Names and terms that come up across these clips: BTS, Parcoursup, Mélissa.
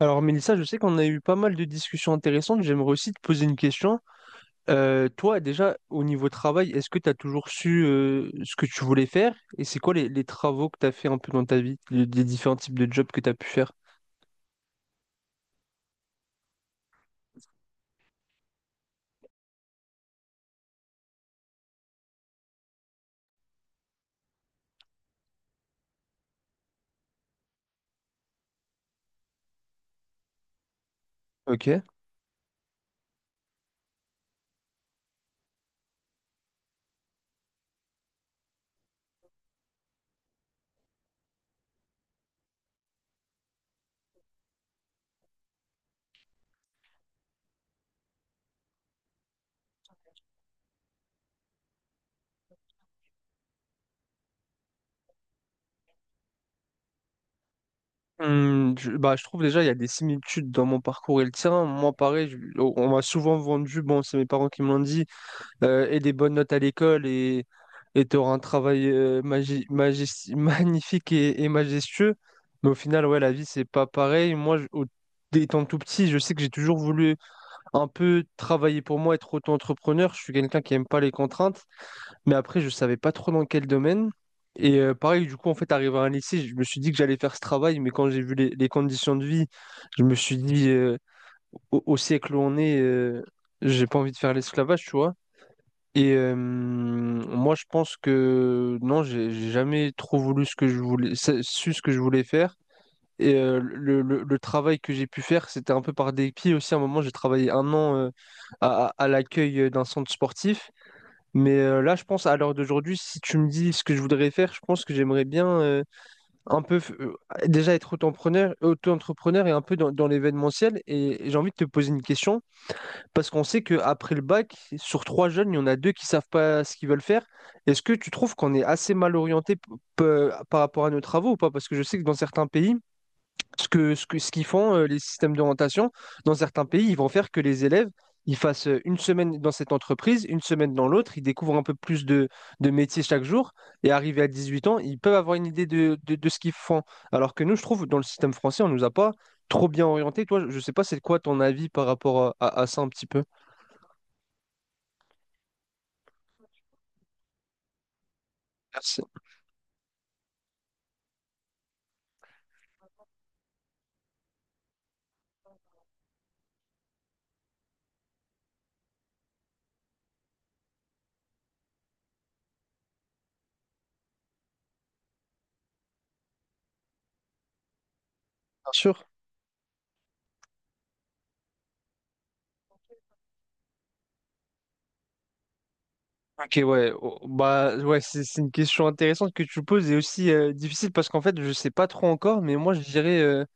Alors Mélissa, je sais qu'on a eu pas mal de discussions intéressantes. J'aimerais aussi te poser une question. Toi, déjà, au niveau travail, est-ce que tu as toujours su ce que tu voulais faire? Et c'est quoi les travaux que tu as fait un peu dans ta vie, les différents types de jobs que tu as pu faire? Ok. Je trouve déjà il y a des similitudes dans mon parcours et le tien. Moi, pareil, on m'a souvent vendu, bon, c'est mes parents qui me l'ont dit, et des bonnes notes à l'école et tu auras un travail magnifique et majestueux. Mais au final, ouais, la vie, c'est pas pareil. Moi, étant tout petit, je sais que j'ai toujours voulu un peu travailler pour moi, être auto-entrepreneur. Je suis quelqu'un qui aime pas les contraintes. Mais après, je savais pas trop dans quel domaine. Et pareil, du coup, en fait, arrivé à un lycée, je me suis dit que j'allais faire ce travail. Mais quand j'ai vu les conditions de vie, je me suis dit, au siècle où on est, j'ai pas envie de faire l'esclavage, tu vois. Et moi, je pense que non, j'ai jamais trop voulu ce que je voulais, su ce que je voulais faire. Et le travail que j'ai pu faire, c'était un peu par dépit aussi. À un moment, j'ai travaillé 1 an à l'accueil d'un centre sportif. Mais là, je pense à l'heure d'aujourd'hui, si tu me dis ce que je voudrais faire, je pense que j'aimerais bien un peu f- euh, déjà être auto-entrepreneur, auto-entrepreneur et un peu dans l'événementiel. Et j'ai envie de te poser une question. Parce qu'on sait qu'après le bac, sur 3 jeunes, il y en a deux qui savent pas ce qu'ils veulent faire. Est-ce que tu trouves qu'on est assez mal orienté par rapport à nos travaux ou pas? Parce que je sais que dans certains pays, ce qu'ils font, les systèmes d'orientation, dans certains pays, ils vont faire que les élèves, ils fassent une semaine dans cette entreprise, une semaine dans l'autre, ils découvrent un peu plus de métiers chaque jour, et arrivés à 18 ans, ils peuvent avoir une idée de ce qu'ils font. Alors que nous, je trouve, dans le système français, on nous a pas trop bien orienté. Toi, je sais pas, c'est quoi ton avis par rapport à ça un petit peu? Merci. Bien sûr. Ok, ouais. Oh, bah, ouais, c'est une question intéressante que tu poses et aussi difficile parce qu'en fait, je sais pas trop encore, mais moi, je dirais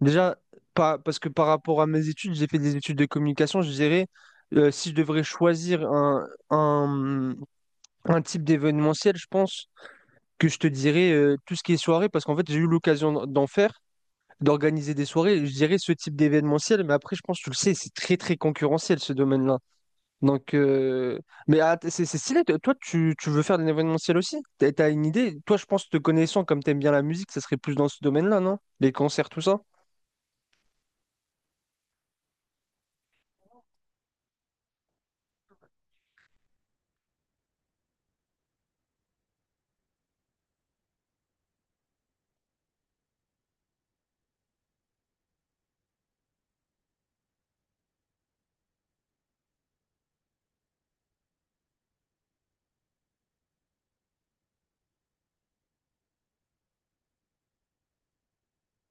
déjà, pas, parce que par rapport à mes études, j'ai fait des études de communication, je dirais, si je devrais choisir un type d'événementiel, je pense que je te dirais tout ce qui est soirée parce qu'en fait, j'ai eu l'occasion d'en faire, d'organiser des soirées, je dirais ce type d'événementiel, mais après, je pense, tu le sais, c'est très, très concurrentiel ce domaine-là. Donc, mais ah, c'est stylé. Toi, tu veux faire de l'événementiel aussi? T'as une idée? Toi, je pense te connaissant, comme t'aimes bien la musique, ça serait plus dans ce domaine-là, non? Les concerts, tout ça?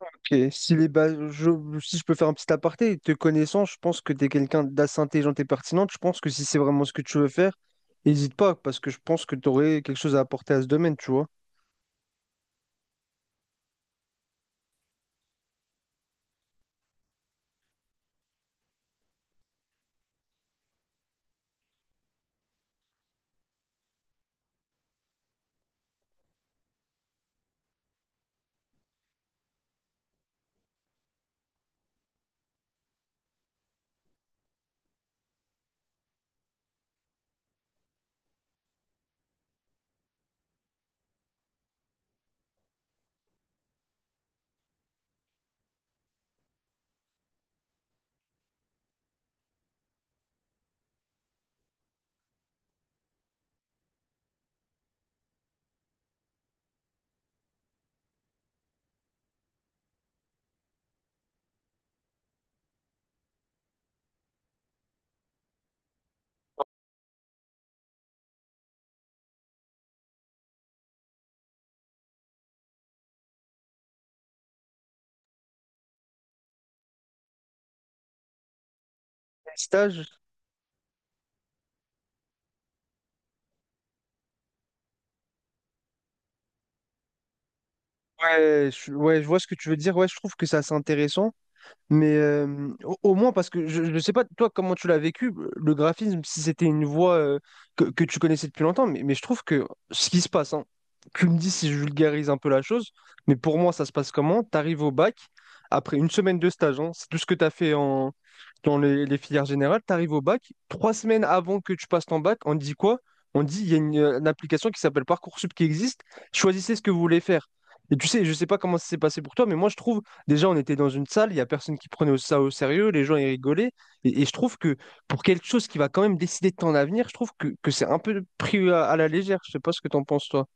Ok. Si je peux faire un petit aparté, te connaissant, je pense que t'es quelqu'un d'assez intelligent et pertinente. Je pense que si c'est vraiment ce que tu veux faire, n'hésite pas, parce que je pense que t'aurais quelque chose à apporter à ce domaine, tu vois. Stage? Ouais, je vois ce que tu veux dire. Ouais, je trouve que c'est assez intéressant. Mais au moins, parce que je ne sais pas, toi, comment tu l'as vécu, le graphisme, si c'était une voie euh, que tu connaissais depuis longtemps, mais je trouve que ce qui se passe, hein, tu me dis si je vulgarise un peu la chose, mais pour moi, ça se passe comment? Tu arrives au bac, après une semaine de stage, hein, c'est tout ce que tu as fait en, dans les filières générales, tu arrives au bac, 3 semaines avant que tu passes ton bac, on te dit quoi? On te dit, il y a une application qui s'appelle Parcoursup qui existe, choisissez ce que vous voulez faire. Et tu sais, je sais pas comment ça s'est passé pour toi, mais moi, je trouve déjà, on était dans une salle, il n'y a personne qui prenait ça au sérieux, les gens ils rigolaient. Et je trouve que pour quelque chose qui va quand même décider de ton avenir, je trouve que c'est un peu pris à la légère. Je sais pas ce que t'en penses, toi.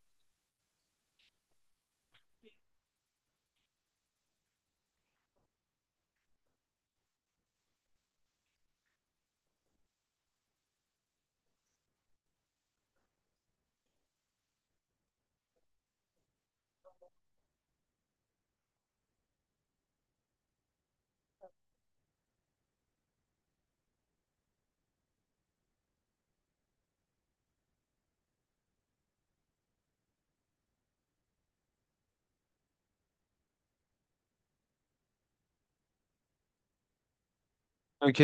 Ok.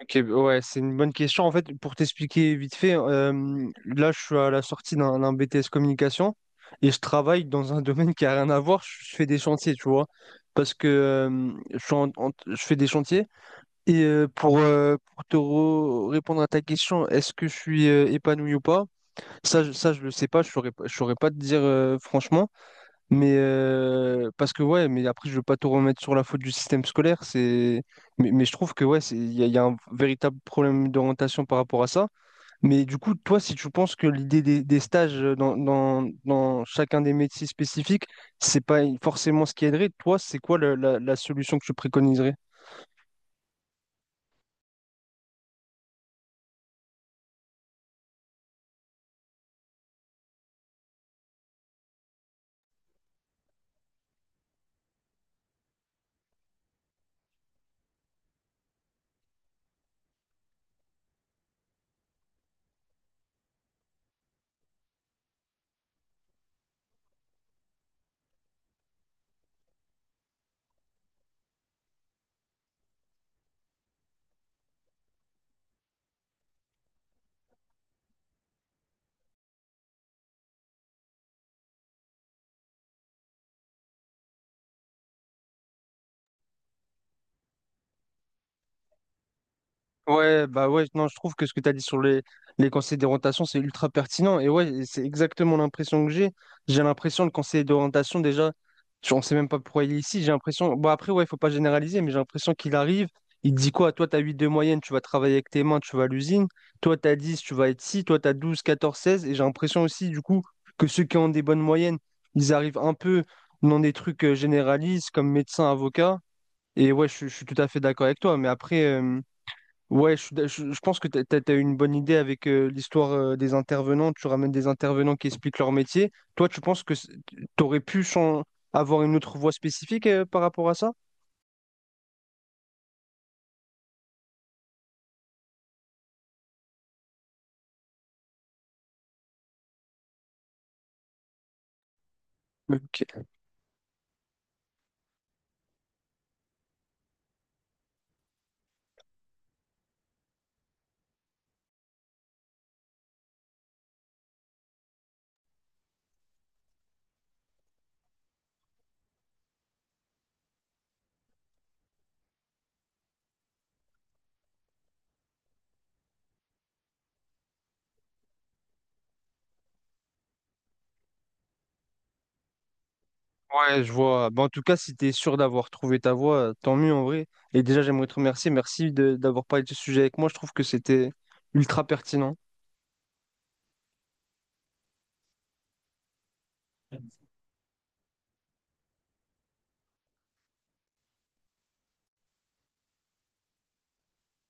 Ok, ouais, c'est une bonne question. En fait, pour t'expliquer vite fait, là, je suis à la sortie d'un BTS communication et je travaille dans un domaine qui a rien à voir. Je fais des chantiers, tu vois, parce que je, suis en- en- je fais des chantiers. Et pour te répondre à ta question, est-ce que je suis épanoui ou pas? Ça, ça, je le sais pas, je saurais pas te dire franchement, mais parce que ouais, mais après, je veux pas tout remettre sur la faute du système scolaire, mais je trouve que ouais, c'est, il y a un véritable problème d'orientation par rapport à ça. Mais du coup, toi, si tu penses que l'idée des stages euh, dans chacun des métiers spécifiques, c'est pas forcément ce qui aiderait, toi, c'est quoi la solution que tu préconiserais? Ouais, bah ouais, non, je trouve que ce que tu as dit sur les conseils d'orientation, c'est ultra pertinent. Et ouais, et c'est exactement l'impression que j'ai. J'ai l'impression, le conseiller d'orientation, déjà, on ne sait même pas pourquoi il est ici. J'ai l'impression, bon, après, ouais, il faut pas généraliser, mais j'ai l'impression qu'il arrive, il te dit quoi? Toi, tu as 8 de moyenne, tu vas travailler avec tes mains, tu vas à l'usine. Toi, tu as 10, tu vas être ci. Toi, tu as 12, 14, 16. Et j'ai l'impression aussi, du coup, que ceux qui ont des bonnes moyennes, ils arrivent un peu dans des trucs généralistes comme médecin, avocat. Et ouais, je suis tout à fait d'accord avec toi. Mais après, ouais, je, suis d'a- je pense que tu as une bonne idée avec l'histoire des intervenants. Tu ramènes des intervenants qui expliquent leur métier. Toi, tu penses que tu aurais pu avoir une autre voie spécifique par rapport à ça? Ok. Ouais, je vois. Bah, en tout cas, si tu es sûr d'avoir trouvé ta voie, tant mieux en vrai. Et déjà, j'aimerais te remercier. Merci d'avoir parlé de ce sujet avec moi. Je trouve que c'était ultra pertinent.